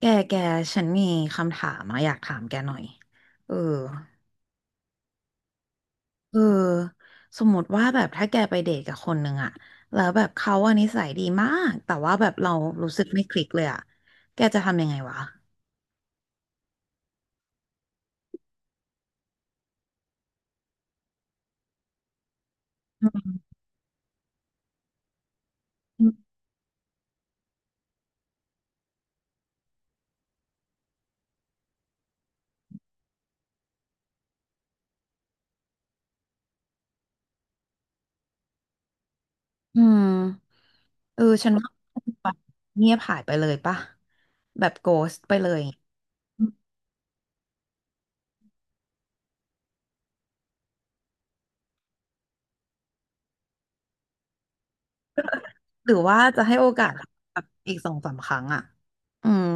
แก แก ฉันมีคำถามอะอยากถามแกหน่อยเออเออสมมติว่าแบบถ้าแกไปเดทกับคนหนึ่งอะแล้วแบบเขาอะนิสัยดีมาก แต่ว่าแบบเรารู้สึกไม่คลิกเลยอะแกจะทำยังไงวะ อืมอืมเออฉันว่าเงียบหายไปเลยป่ะแบบโกสต์ไปเลยอืมหรือว่าจะให้โอกาสแบบอีกสองสามครั้งอะอืม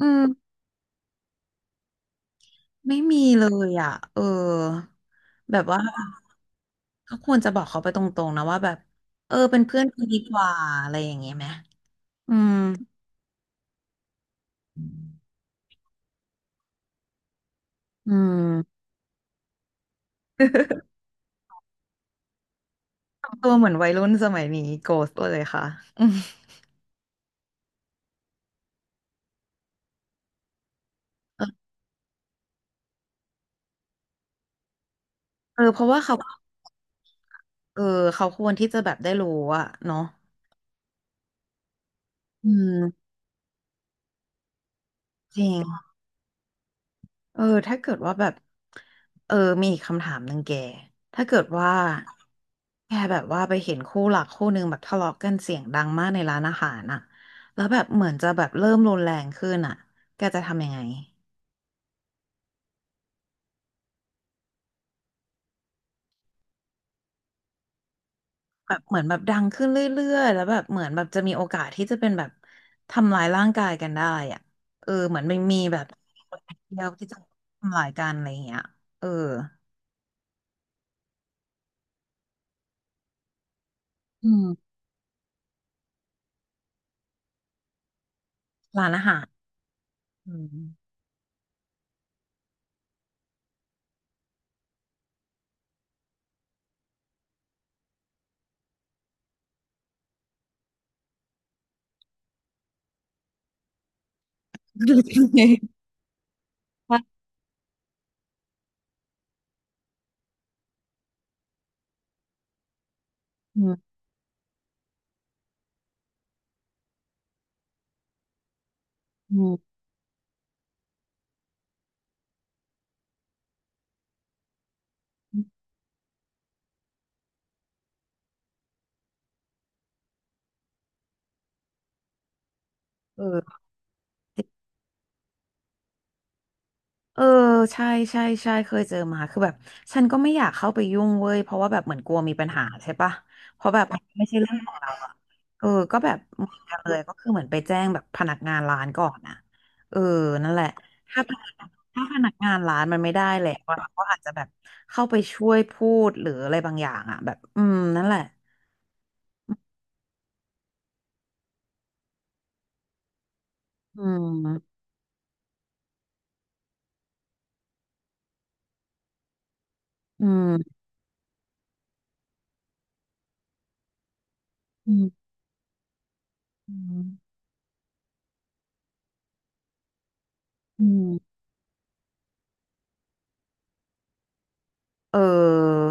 อืม ไม่มีเลยอ่ะ เออ แบบว่าก็ควรจะบอกเขาไปตรงๆนะว่าแบบ เออเป็นเพื่อนกันดีกว่าอะไรอย่างเงี้ยไหมอืมอืม ทำตัวเหมือนวัยรุ่นสมัยนี้โกสเลยค่ะอืมเออเออเพราะว่าเขาเออเขาควรที่จะแบบได้รู้อะเนาะอืมจริง เออถ้าเกิดว่าแบบเออมีอีกคำถามหนึ่งแกถ้าเกิดว่าแกแบบว่าไปเห็นคู่รักคู่หนึ่งแบบทะเลาะกันเสียงดังมากในร้านอาหารอะแล้วแบบเหมือนจะแบบเริ่มรุนแรงขึ้นอะแกจะทำยังไงแบบเหมือนแบบดังขึ้นเรื่อยๆแล้วแบบเหมือนแบบจะมีโอกาสที่จะเป็นแบบทำร้ายร่างกายกันได้อะเออเหมือนไม่มีแบบเดียวที่จะทำร้ายกันอะไรอย่างเงี้ยเอออืมร้านอาหารอืม อืมอืม เออเออใช่ใช่เคยเจอมาคือแบบฉันก็ไม่อยากเข้าไปยุ่งเว้ยเพราะว่าแบบเหมือนกลัวมีปัญหาใช่ปะเพราะแบบมันไม่ใช่เรื่องของเราอะเออก็แบบเหมือนกันเลยก็คือเหมือนไปแจ้งแบบพนักงานร้านก่อนนะเออนั่นแหละถ้าพนักถ้าพนักงานร้านมันไม่ได้แหละเราก็อาจจะแบบเข้าไปช่วยพูดหรืออะไรบางอย่างอะแบบอืมนั่นแหละอืมอืมอืมอืมอืมเออ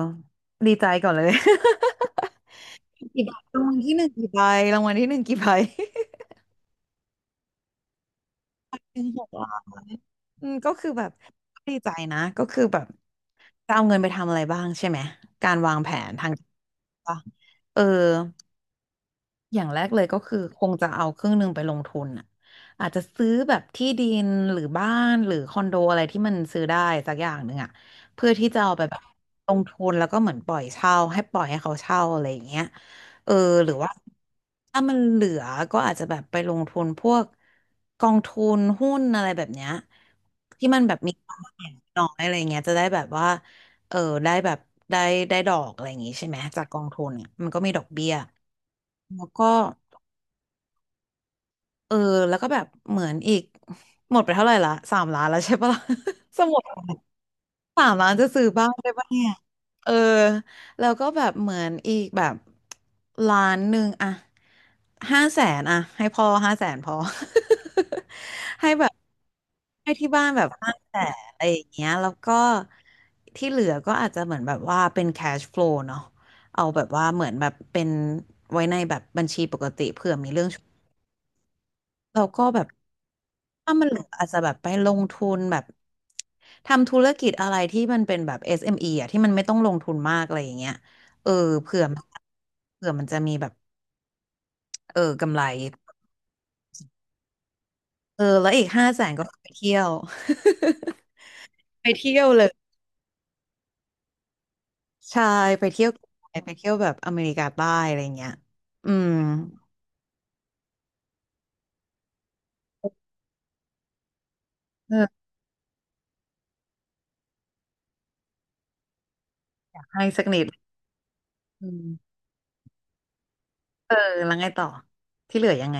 ดีใจก่อนเลย กี่ใบรางวัลที่หนึ่งกี่ใบรางวัลที่หนึ่งกี่ใบ หนึ่งหกล้านอืมก็คือแบบดีใจนะก็คือแบบจะเอาเงินไปทำอะไรบ้างใช่ไหมการวางแผนทางป่ะเออ อย่างแรกเลยก็คือคงจะเอาครึ่งหนึ่งไปลงทุนอ่ะอาจจะซื้อแบบที่ดินหรือบ้านหรือคอนโดอะไรที่มันซื้อได้สักอย่างหนึ่งอ่ะเพื่อที่จะเอาไปแบบลงทุนแล้วก็เหมือนปล่อยเช่าให้ปล่อยให้เขาเช่าอะไรอย่างเงี้ยเออหรือว่าถ้ามันเหลือก็อาจจะแบบไปลงทุนพวกกองทุนหุ้นอะไรแบบเนี้ยที่มันแบบมีความเสี่ยงน้อยอะไรเงี้ยจะได้แบบว่าเออได้แบบได้ได้ดอกอะไรอย่างงี้ใช่ไหมจากกองทุนเนี่ยมันก็มีดอกเบี้ยแล้วก็ เออแล้วก็แบบเหมือนอีกหมดไปเท่าไหร่ละสามล้านแล้วใช่ปะล่ะ สมุดสามล้านจะซื้อบ้านได้ปะเนี่ยเออแล้วก็แบบเหมือนอีกแบบล้านหนึ่งอะห้าแสนอะให้พ่อห้าแสนพอ ให้แบบให้ที่บ้านแบบห้าแสนอะไรอย่างเงี้ยแล้วก็ที่เหลือก็อาจจะเหมือนแบบว่าเป็น cash flow เนาะเอาแบบว่าเหมือนแบบเป็นไว้ในแบบบัญชีปกติเผื่อมีเรื่อง เราก็แบบถ้ามันเหลืออาจจะแบบไปลงทุนแบบทำธุรกิจอะไรที่มันเป็นแบบ SME อสเอ็มอีอ่ะที่มันไม่ต้องลงทุนมากอะไรอย่างเงี้ยเออเผื่อมันเผื่อมันจะมีแบบเออกำไรเออแล้วอีกห้าแสนก็ไปเที่ยว ไปเที่ยวเลยใช่ไปเที่ยวไปเที่ยวแบบอเมริกาใต้อะไรอย่างเงี้ยอืมเออให้สักนิดอืมเออแล้วไงต่อที่เหลือยังไง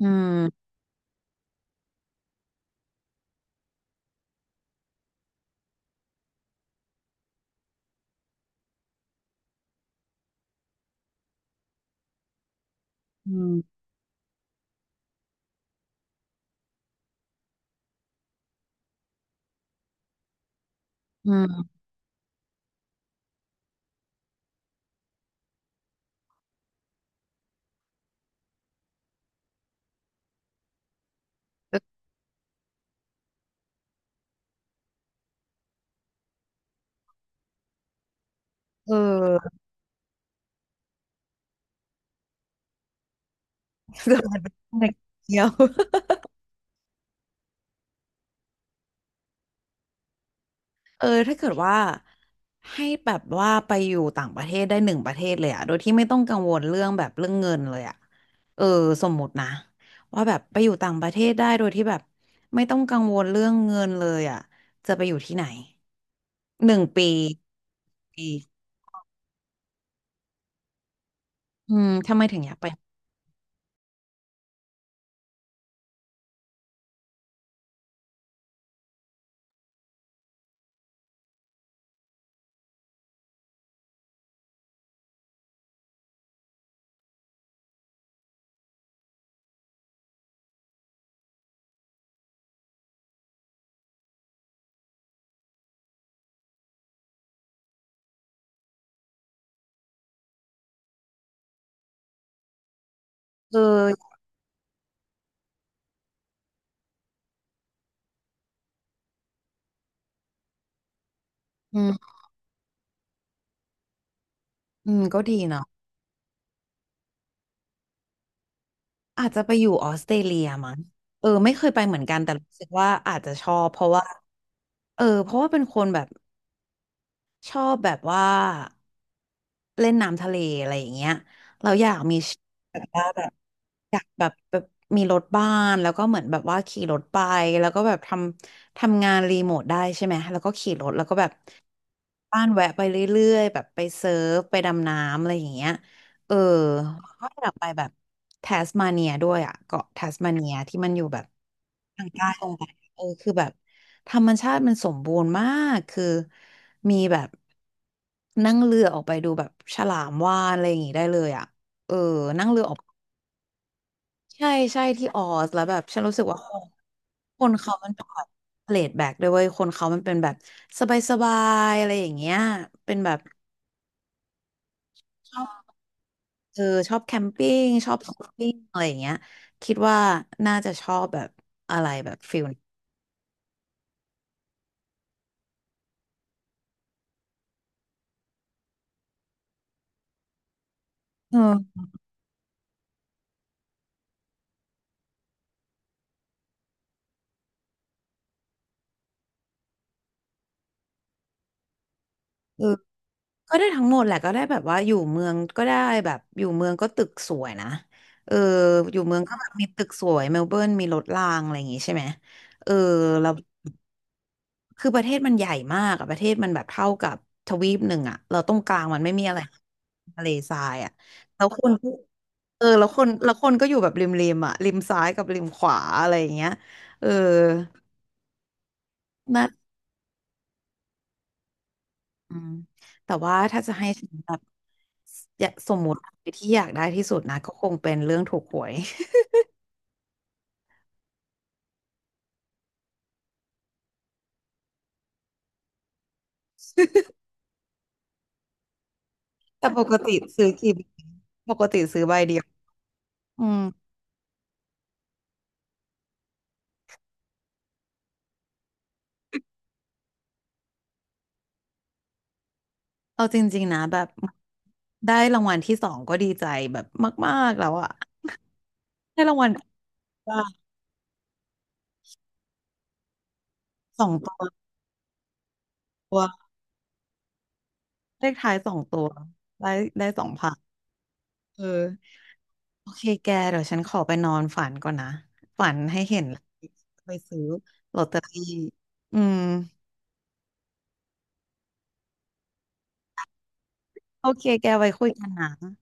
อืมอืมอืมเออ เกิดมาเป็นเด็กเดียว เออถ้าเกิดว่าให้แบบว่าไปอยู่ต่างประเทศได้หนึ่งประเทศเลยอะโดยที่ไม่ต้องกังวลเรื่องแบบเรื่องเงินเลยอะเออสมมตินะว่าแบบไปอยู่ต่างประเทศได้โดยที่แบบไม่ต้องกังวลเรื่องเงินเลยอะจะไปอยู่ที่ไหนหนึ่งปีปีอืมทำไมถึงอยากไปเอออืมอืมก็ดีเนาะอาจจะไปอยู่ออสเตรเลียมั้งเออไม่เคยไปเหมือนกันแต่รู้สึกว่าอาจจะชอบเพราะว่าเออเพราะว่าเป็นคนแบบ ชอบแบบว่าเล่นน้ำทะเลอะไรอย่างเงี้ยเราอยากมีแบบว่าแบบอยากแบบแบบมีรถบ้านแล้วก็เหมือนแบบว่าขี่รถไปแล้วก็แบบทำงานรีโมทได้ใช่ไหมแล้วก็ขี่รถแล้วก็แบบบ้านแวะไปเรื่อยๆแบบไปเซิร์ฟไปดำน้ำอะไรอย่างเงี้ยเออแล้วก็อยากไปแบบแทสมาเนียด้วยอ่ะเกาะแทสมาเนียที่มันอยู่แบบ ทางใต้ลงไปเออคือแบบธรรมชาติมันสมบูรณ์มากคือมีแบบนั่งเรือออกไปดูแบบฉลามวาฬอะไรอย่างงี้ได้เลยอ่ะเออนั่งเรือออกใช่ใช่ที่ออสแล้วแบบฉันรู้สึกว่าคนคนเขามันเป็นแบบเพลทแบ็กด้วยเวยคนเขามันเป็นแบบสบายๆอะไรอย่างเงี้ยเป็นแบบชอบเออชอบแคมปิ้งชอบสกูปิ้งอะไรอย่างเงี้ยคิดว่าน่าจะชอบแบบอะไรแบบฟิลเออเออ ก็ได้ทั้งหมดแหละก็ได้แบบว่าอยู่เมืองก็ได้แบบอยู่เมืองก็ตึกสวยนะเอออยู่เมืองก็แบบมีตึกสวยเมลเบิร์นมีรถรางอะไรอย่างงี้ใช่ไหมเออเราคือประเทศมันใหญ่มากอะประเทศมันแบบเท่ากับทวีปหนึ่งอะเราตรงกลางมันไม่มีอะไรทะเลทรายอะแล้วคนก็เออแล้วคนก็อยู่แบบริมอะริมซ้ายกับริมขวาอะไรอย่างเงี้ยเออน่า อืมแต่ว่าถ้าจะให้ฉันแบบอยากสมมติที่อยากได้ที่สุดนะก็คงเป็นเรื่องถูกหวย แต่ปกติซื้อกี่ใบปกติซื้อใบเดียวอืมเอาจริงๆนะแบบได้รางวัลที่สองก็ดีใจแบบมากๆแล้วอะได้รางวัลว่าสองตัวตัวเลขท้ายสองตัวได้ได้สองพันเออโอเคแกเดี๋ยวฉันขอไปนอนฝันก่อนนะฝันให้เห็นแล้วไปซื้อลอตเตอรี่อืมโอเคแกไว้คุยกันนะ